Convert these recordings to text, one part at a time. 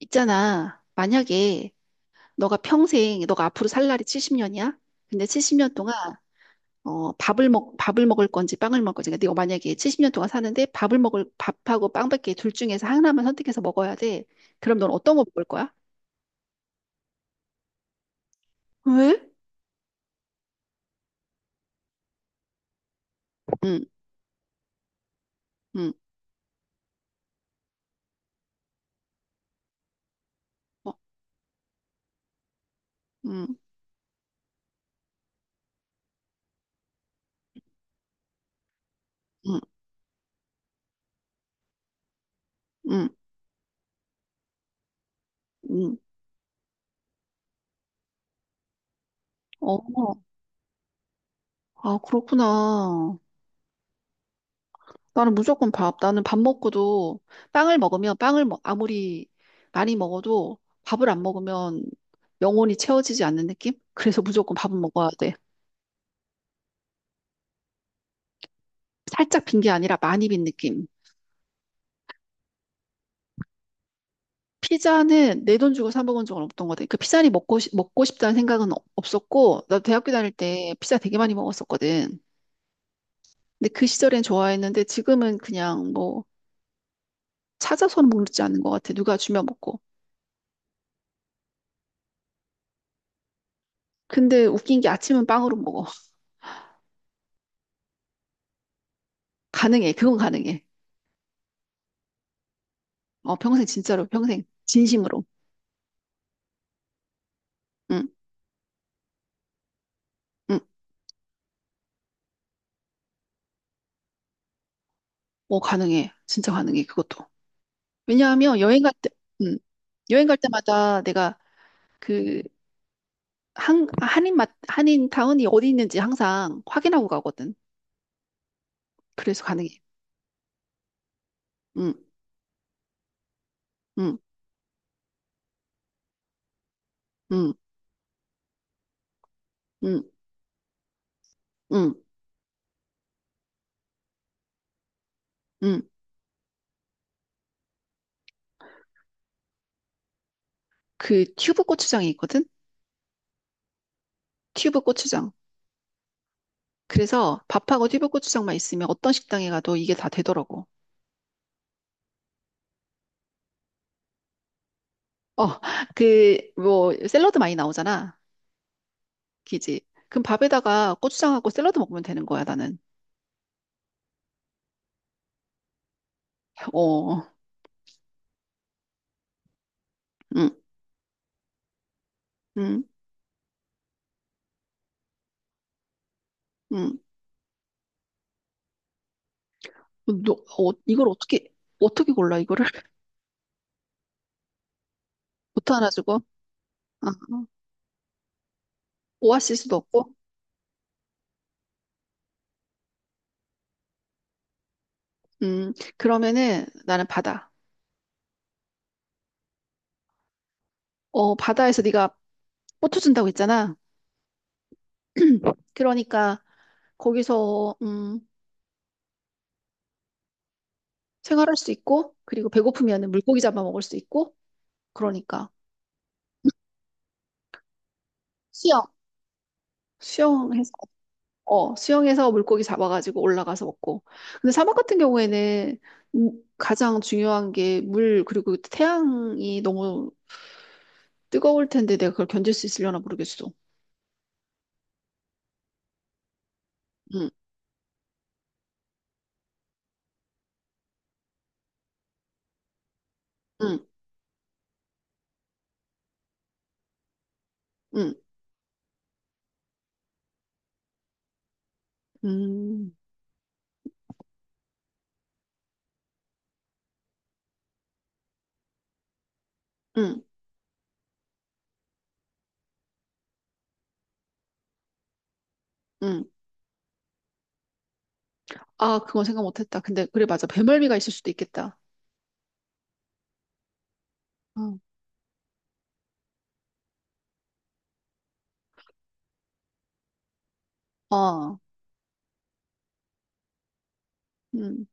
있잖아. 만약에 너가 평생, 너가 앞으로 살 날이 70년이야? 근데 70년 동안 밥을 먹을 건지 빵을 먹을 건지. 그러 네가 만약에 70년 동안 사는데 밥을 먹을 밥하고 빵밖에 둘 중에서 하나만 선택해서 먹어야 돼. 그럼 넌 어떤 거 먹을 거야? 왜? 응, 응. 어. 응, 응, 응, 응. 어. 아, 그렇구나. 나는 무조건 밥. 나는 밥 먹고도 빵을 먹으면 아무리 많이 먹어도 밥을 안 먹으면 영혼이 채워지지 않는 느낌? 그래서 무조건 밥은 먹어야 돼. 살짝 빈 게 아니라 많이 빈 느낌. 피자는 내 돈 주고 사 먹은 적은 없던 것 같아. 그 피자니 먹고 싶다는 생각은 없었고, 나 대학교 다닐 때 피자 되게 많이 먹었었거든. 근데 그 시절엔 좋아했는데 지금은 그냥 뭐 찾아서는 먹지 않는 것 같아. 누가 주면 먹고. 근데 웃긴 게 아침은 빵으로 먹어. 가능해. 그건 가능해. 어, 평생 진짜로 평생 진심으로. 응, 응. 어, 가능해. 진짜 가능해. 그것도. 왜냐하면 여행 갈 때, 응, 여행 갈 때마다 내가 그 한인 타운이 어디 있는지 항상 확인하고 가거든. 그래서 가능해. 응, 응, 응, 응, 응, 응. 그 튜브 고추장이 있거든. 튜브 고추장. 그래서 밥하고 튜브 고추장만 있으면 어떤 식당에 가도 이게 다 되더라고. 어, 그, 뭐, 샐러드 많이 나오잖아. 기지. 그럼 밥에다가 고추장하고 샐러드 먹으면 되는 거야, 나는. 어. 응, 응, 응. 너, 이걸 어떻게 골라, 이거를? 보트 하나 주고, 아, 오아시스도 없고, 그러면은 나는 바다. 바다에서 네가 보트 준다고 했잖아. 그러니까 거기서, 생활할 수 있고, 그리고 배고프면 물고기 잡아 먹을 수 있고, 그러니까 수영, 수영해서 수영해서 물고기 잡아가지고 올라가서 먹고. 근데 사막 같은 경우에는 가장 중요한 게 물, 그리고 태양이 너무 뜨거울 텐데 내가 그걸 견딜 수 있으려나 모르겠어. 응, 응, 응, 음, 응, 응. 아, 그건 생각 못했다. 근데, 그래, 맞아. 배멀미가 있을 수도 있겠다. 응. 어. 음.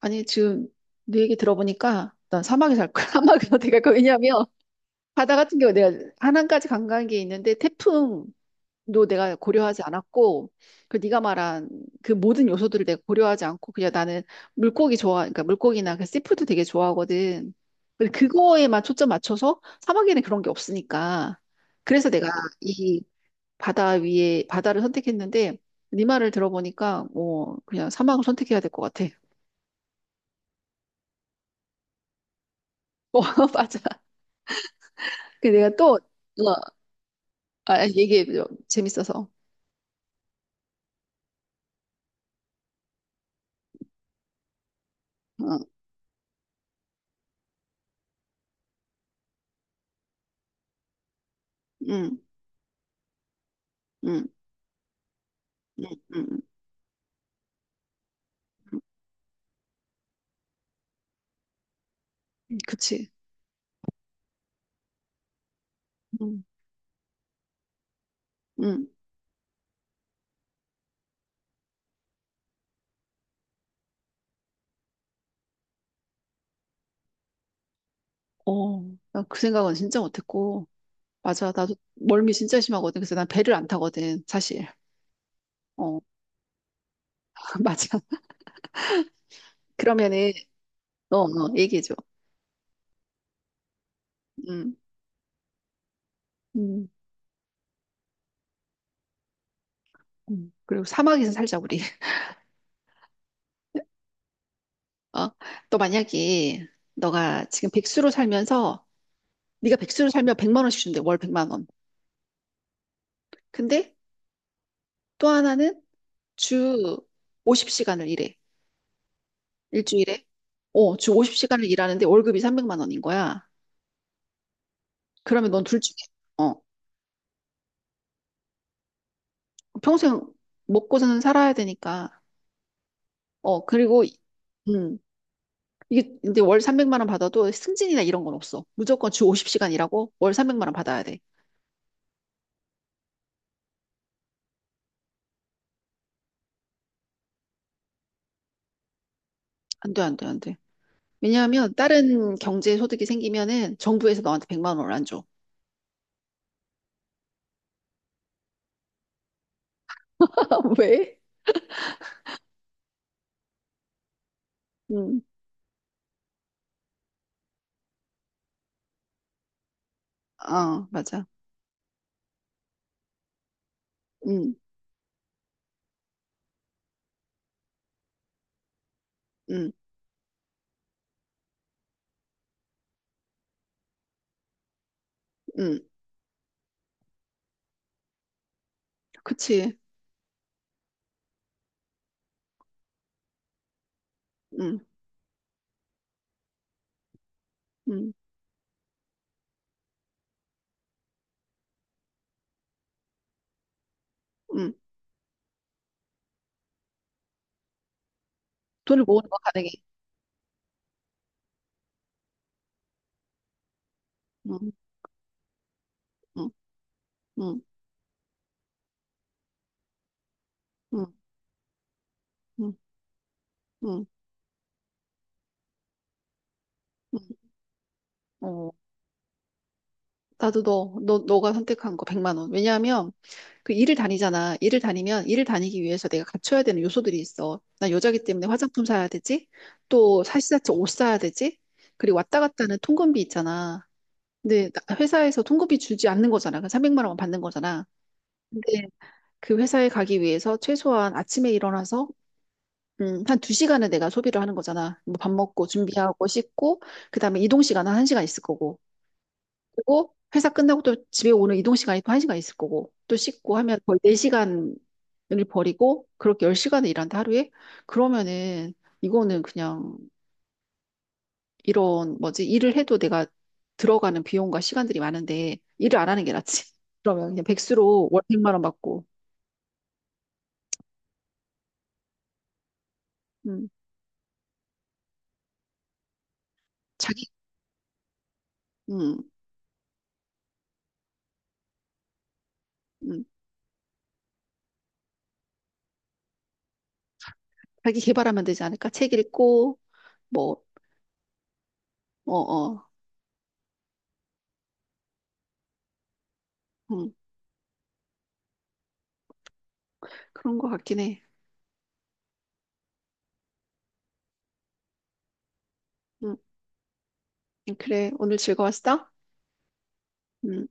아니, 지금 네 얘기 들어보니까 난 사막에 살 거야. 사막에서 내가, 왜냐면 바다 같은 경우 내가 하남까지 관광객이 있는데 태풍, 도 내가 고려하지 않았고 그 네가 말한 그 모든 요소들을 내가 고려하지 않고 그냥 나는 물고기 좋아 그러니까 물고기나 그 씨푸드 되게 좋아하거든. 근데 그거에만 초점 맞춰서 사막에는 그런 게 없으니까 그래서 내가 이 바다 위에 바다를 선택했는데 네 말을 들어보니까 뭐 그냥 사막을 선택해야 될 것 같아. 어, 맞아. 그 내가 또 얘기해 재밌어서. 어, 응, 응, 응, 응, 응, 그치. 응, 응. 어, 나 그 생각은 진짜 못했고, 맞아, 나도 멀미 진짜 심하거든. 그래서 난 배를 안 타거든, 사실. 어. 맞아. 그러면은, 얘기해줘. 음, 음, 그리고 사막에서 살자, 우리. 어, 너 만약에, 너가 지금 백수로 살면서, 네가 백수로 살면 100만 원씩 준대, 월 100만 원. 근데 또 하나는 주 50시간을 일해. 일주일에. 주 50시간을 일하는데 월급이 300만 원인 거야. 그러면 넌 둘 중에, 어, 평생 먹고서는 살아야 되니까. 어, 그리고, 음, 이게 근데 월 300만 원 받아도 승진이나 이런 건 없어. 무조건 주 50시간 일하고 월 300만 원 받아야 돼. 안 돼, 안 돼, 안 돼. 왜냐하면 다른 경제 소득이 생기면은 정부에서 너한테 100만 원을 안 줘. 왜? 음. 아, 맞아. 음, 음, 음, 그치. 음, 음, 음. 돈을 모으는 거 가능해. 음, 음, 음, 음, 음, 음. 음. 어, 나도 너가 선택한 거 100만 원. 왜냐하면 그 일을 다니잖아. 일을 다니면 일을 다니기 위해서 내가 갖춰야 되는 요소들이 있어. 나 여자기 때문에 화장품 사야 되지. 또 사시사철 옷 사야 되지. 그리고 왔다 갔다 하는 통근비 있잖아. 근데 회사에서 통근비 주지 않는 거잖아. 그 300만 원만 받는 거잖아. 근데 그 회사에 가기 위해서 최소한 아침에 일어나서 한 두시간은 내가 소비를 하는 거잖아. 뭐 밥 먹고 준비하고 씻고 그다음에 이동 시간은 한시간 있을 거고. 그리고 회사 끝나고 또 집에 오는 이동 시간이 또 1시간 있을 거고 또 씻고 하면 거의 4시간을 버리고 그렇게 10시간을 일한다 하루에. 그러면은 이거는 그냥 이런 뭐지, 일을 해도 내가 들어가는 비용과 시간들이 많은데 일을 안 하는 게 낫지. 그러면 그냥 백수로 월 100만 원 받고. 음, 자기 음, 음, 자기 개발하면 되지 않을까, 책 읽고 뭐. 어 어 음, 그런 거 같긴 해. 음. 그래, 오늘 즐거웠어? 음.